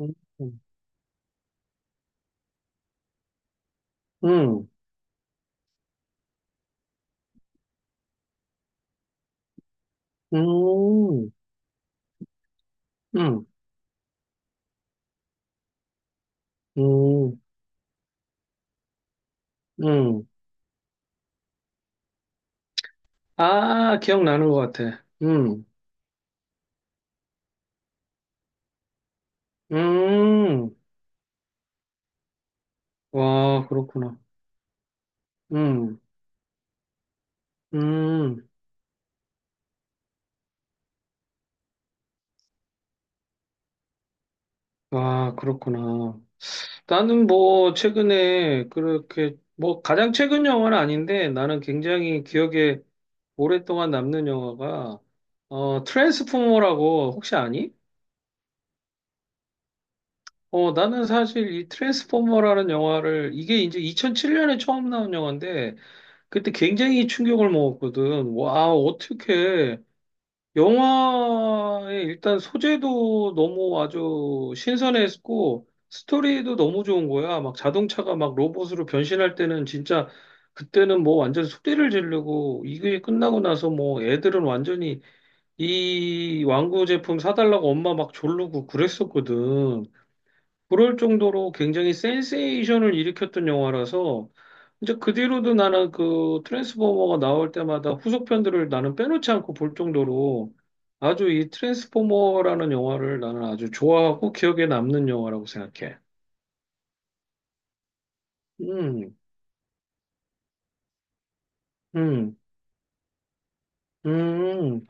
음. 음. 음. 음. 음. 음. 음. 아, 기억나는 것 같아. 음. 음. 와, 그렇구나. 음. 음. 와, 그렇구나. 나는 뭐, 최근에 그렇게, 뭐, 가장 최근 영화는 아닌데, 나는 굉장히 기억에 오랫동안 남는 영화가, 트랜스포머라고, 혹시 아니? 나는 사실 이 트랜스포머라는 영화를, 이게 이제 2007년에 처음 나온 영화인데, 그때 굉장히 충격을 먹었거든. 와, 어떻게. 영화의 일단 소재도 너무 아주 신선했고, 스토리도 너무 좋은 거야. 막 자동차가 막 로봇으로 변신할 때는 진짜, 그때는 뭐 완전 소리를 지르고, 이게 끝나고 나서 뭐 애들은 완전히 이 완구 제품 사달라고 엄마 막 졸르고 그랬었거든. 그럴 정도로 굉장히 센세이션을 일으켰던 영화라서 이제 그 뒤로도 나는 그 트랜스포머가 나올 때마다 후속편들을 나는 빼놓지 않고 볼 정도로 아주 이 트랜스포머라는 영화를 나는 아주 좋아하고 기억에 남는 영화라고 생각해. 음. 음. 음.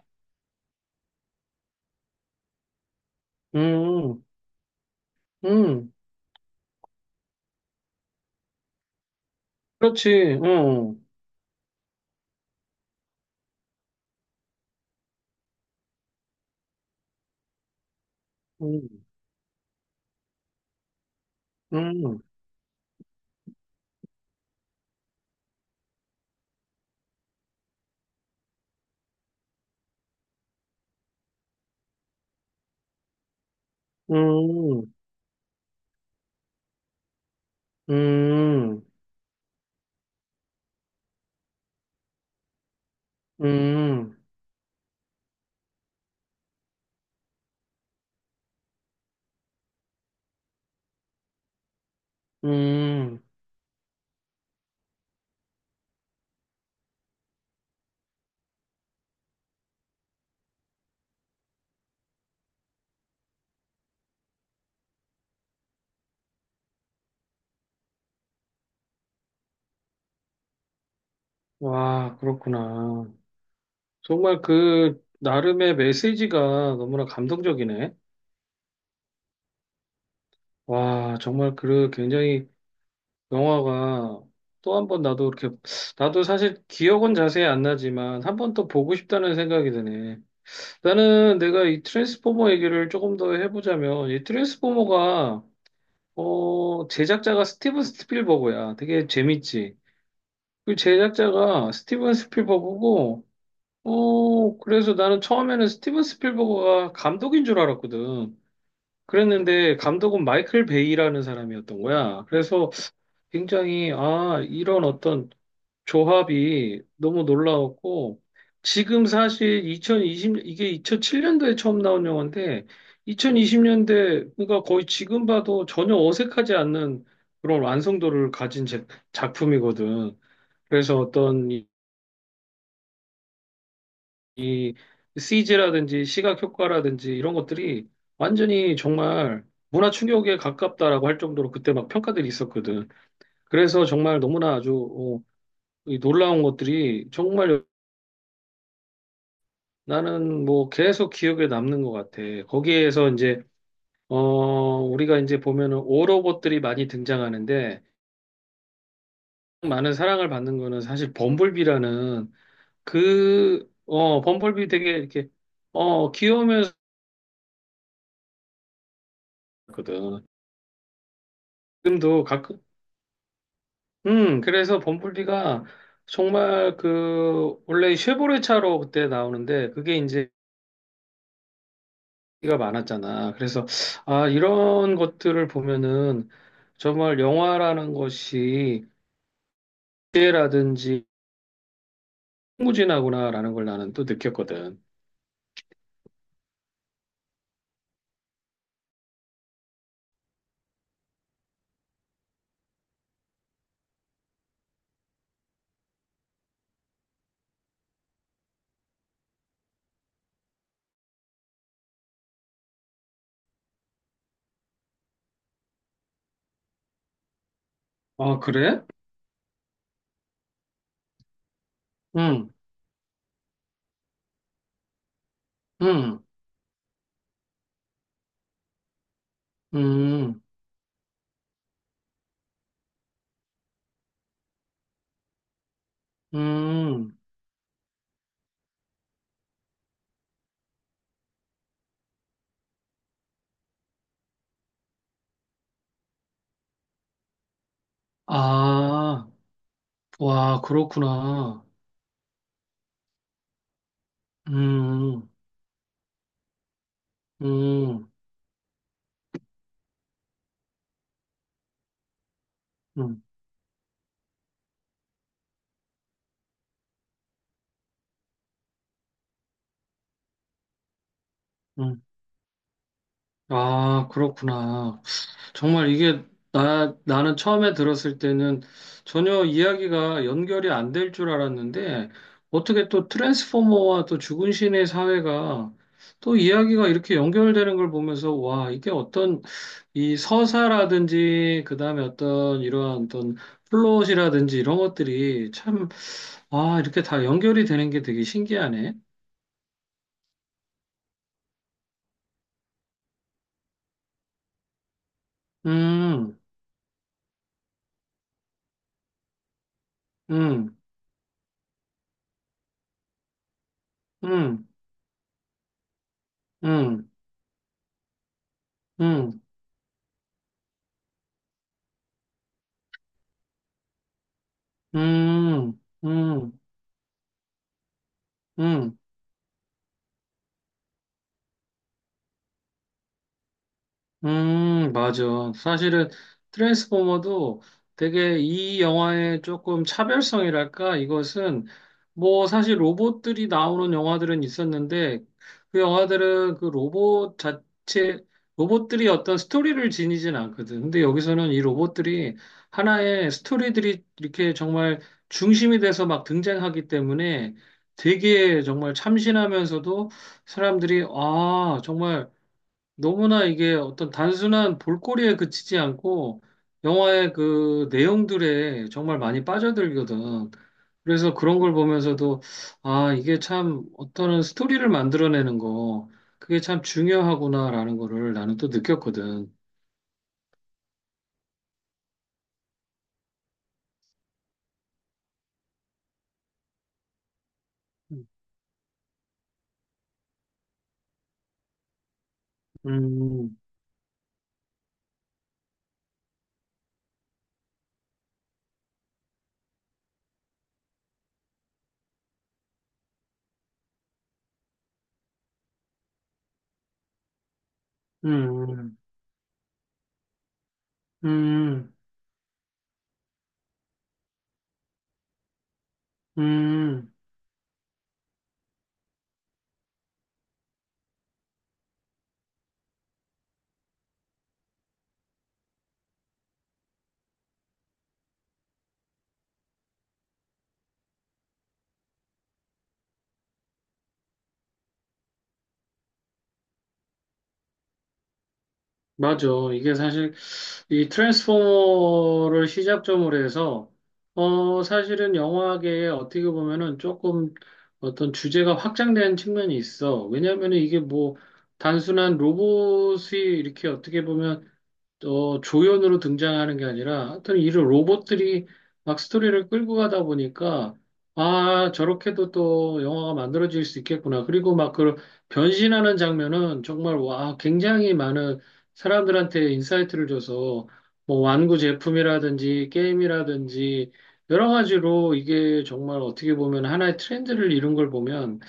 음. 음. 그렇지. 음. 음. 음. 음. 음. 음. 음. 와, 그렇구나. 정말 그 나름의 메시지가 너무나 감동적이네. 와, 정말 그 굉장히 영화가 또 한 번 나도 이렇게 나도 사실 기억은 자세히 안 나지만 한 번 더 보고 싶다는 생각이 드네. 나는 내가 이 트랜스포머 얘기를 조금 더 해보자면 이 트랜스포머가 제작자가 스티븐 스필버그야. 되게 재밌지. 그 제작자가 스티븐 스필버그고 그래서 나는 처음에는 스티븐 스필버그가 감독인 줄 알았거든. 그랬는데 감독은 마이클 베이라는 사람이었던 거야. 그래서 굉장히 아, 이런 어떤 조합이 너무 놀라웠고 지금 사실 2020 이게 2007년도에 처음 나온 영화인데 2020년대 그러니까 거의 지금 봐도 전혀 어색하지 않는 그런 완성도를 가진 작품이거든. 그래서 어떤 이 CG라든지 시각 효과라든지 이런 것들이 완전히 정말 문화 충격에 가깝다라고 할 정도로 그때 막 평가들이 있었거든. 그래서 정말 너무나 아주 이 놀라운 것들이 정말 나는 뭐 계속 기억에 남는 것 같아. 거기에서 이제 어 우리가 이제 보면은 오로봇들이 많이 등장하는데 많은 사랑을 받는 거는 사실 범블비라는 그 범블비 되게 이렇게 귀여우면서 거든. 지금도 가끔 그래서 범블비가 정말 그, 원래 쉐보레 차로 그때 나오는데, 그게 이제 인기가 많았잖아. 그래서, 아, 이런 것들을 보면은 정말 영화라는 것이 기회라든지 무진하구나라는 걸 나는 또 느꼈거든. 아, 그래? 응. 응. 응. 응. 아, 와, 그렇구나. 음. 음. 음. 음. 아, 그렇구나. 정말 이게 나는 처음에 들었을 때는 전혀 이야기가 연결이 안 될 줄 알았는데 어떻게 또 트랜스포머와 또 죽은 신의 사회가 또 이야기가 이렇게 연결되는 걸 보면서 와, 이게 어떤 이 서사라든지 그다음에 어떤 이러한 어떤 플롯이라든지 이런 것들이 참, 아, 이렇게 다 연결이 되는 게 되게 신기하네. 음. 음. 음. 음. 음. 음. 음. 음. 맞아. 사실은 트랜스포머도 되게 이 영화의 조금 차별성이랄까? 이것은 뭐 사실 로봇들이 나오는 영화들은 있었는데 그 영화들은 그 로봇 자체, 로봇들이 어떤 스토리를 지니진 않거든. 근데 여기서는 이 로봇들이 하나의 스토리들이 이렇게 정말 중심이 돼서 막 등장하기 때문에 되게 정말 참신하면서도 사람들이 아, 정말 너무나 이게 어떤 단순한 볼거리에 그치지 않고 영화의 그 내용들에 정말 많이 빠져들거든. 그래서 그런 걸 보면서도 아, 이게 참 어떤 스토리를 만들어내는 거 그게 참 중요하구나라는 거를 나는 또 느꼈거든. 음. 음. 음. 음. 음. 맞아. 이게 사실 이 트랜스포머를 시작점으로 해서 사실은 영화계에 어떻게 보면은 조금 어떤 주제가 확장된 측면이 있어. 왜냐하면 이게 뭐 단순한 로봇이 이렇게 어떻게 보면 또 조연으로 등장하는 게 아니라 하여튼 이런 로봇들이 막 스토리를 끌고 가다 보니까 아, 저렇게도 또 영화가 만들어질 수 있겠구나. 그리고 막 그 변신하는 장면은 정말 와, 굉장히 많은 사람들한테 인사이트를 줘서 뭐 완구 제품이라든지 게임이라든지 여러 가지로 이게 정말 어떻게 보면 하나의 트렌드를 이룬 걸 보면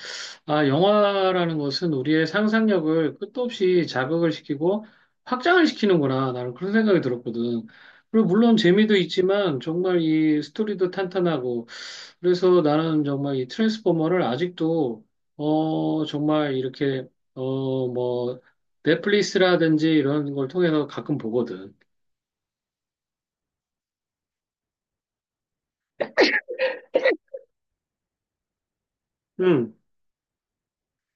아, 영화라는 것은 우리의 상상력을 끝도 없이 자극을 시키고 확장을 시키는구나. 나는 그런 생각이 들었거든. 그리고 물론 재미도 있지만 정말 이 스토리도 탄탄하고 그래서 나는 정말 이 트랜스포머를 아직도 정말 이렇게 뭐 넷플릭스라든지 이런 걸 통해서 가끔 보거든. 음.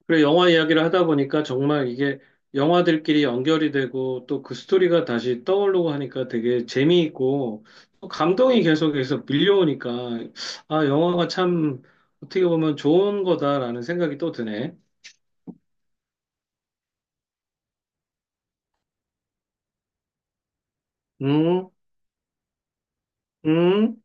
그래, 영화 이야기를 하다 보니까 정말 이게 영화들끼리 연결이 되고 또 그 스토리가 다시 떠오르고 하니까 되게 재미있고 또 감동이 계속해서 밀려오니까 아, 영화가 참 어떻게 보면 좋은 거다라는 생각이 또 드네. 음. 음.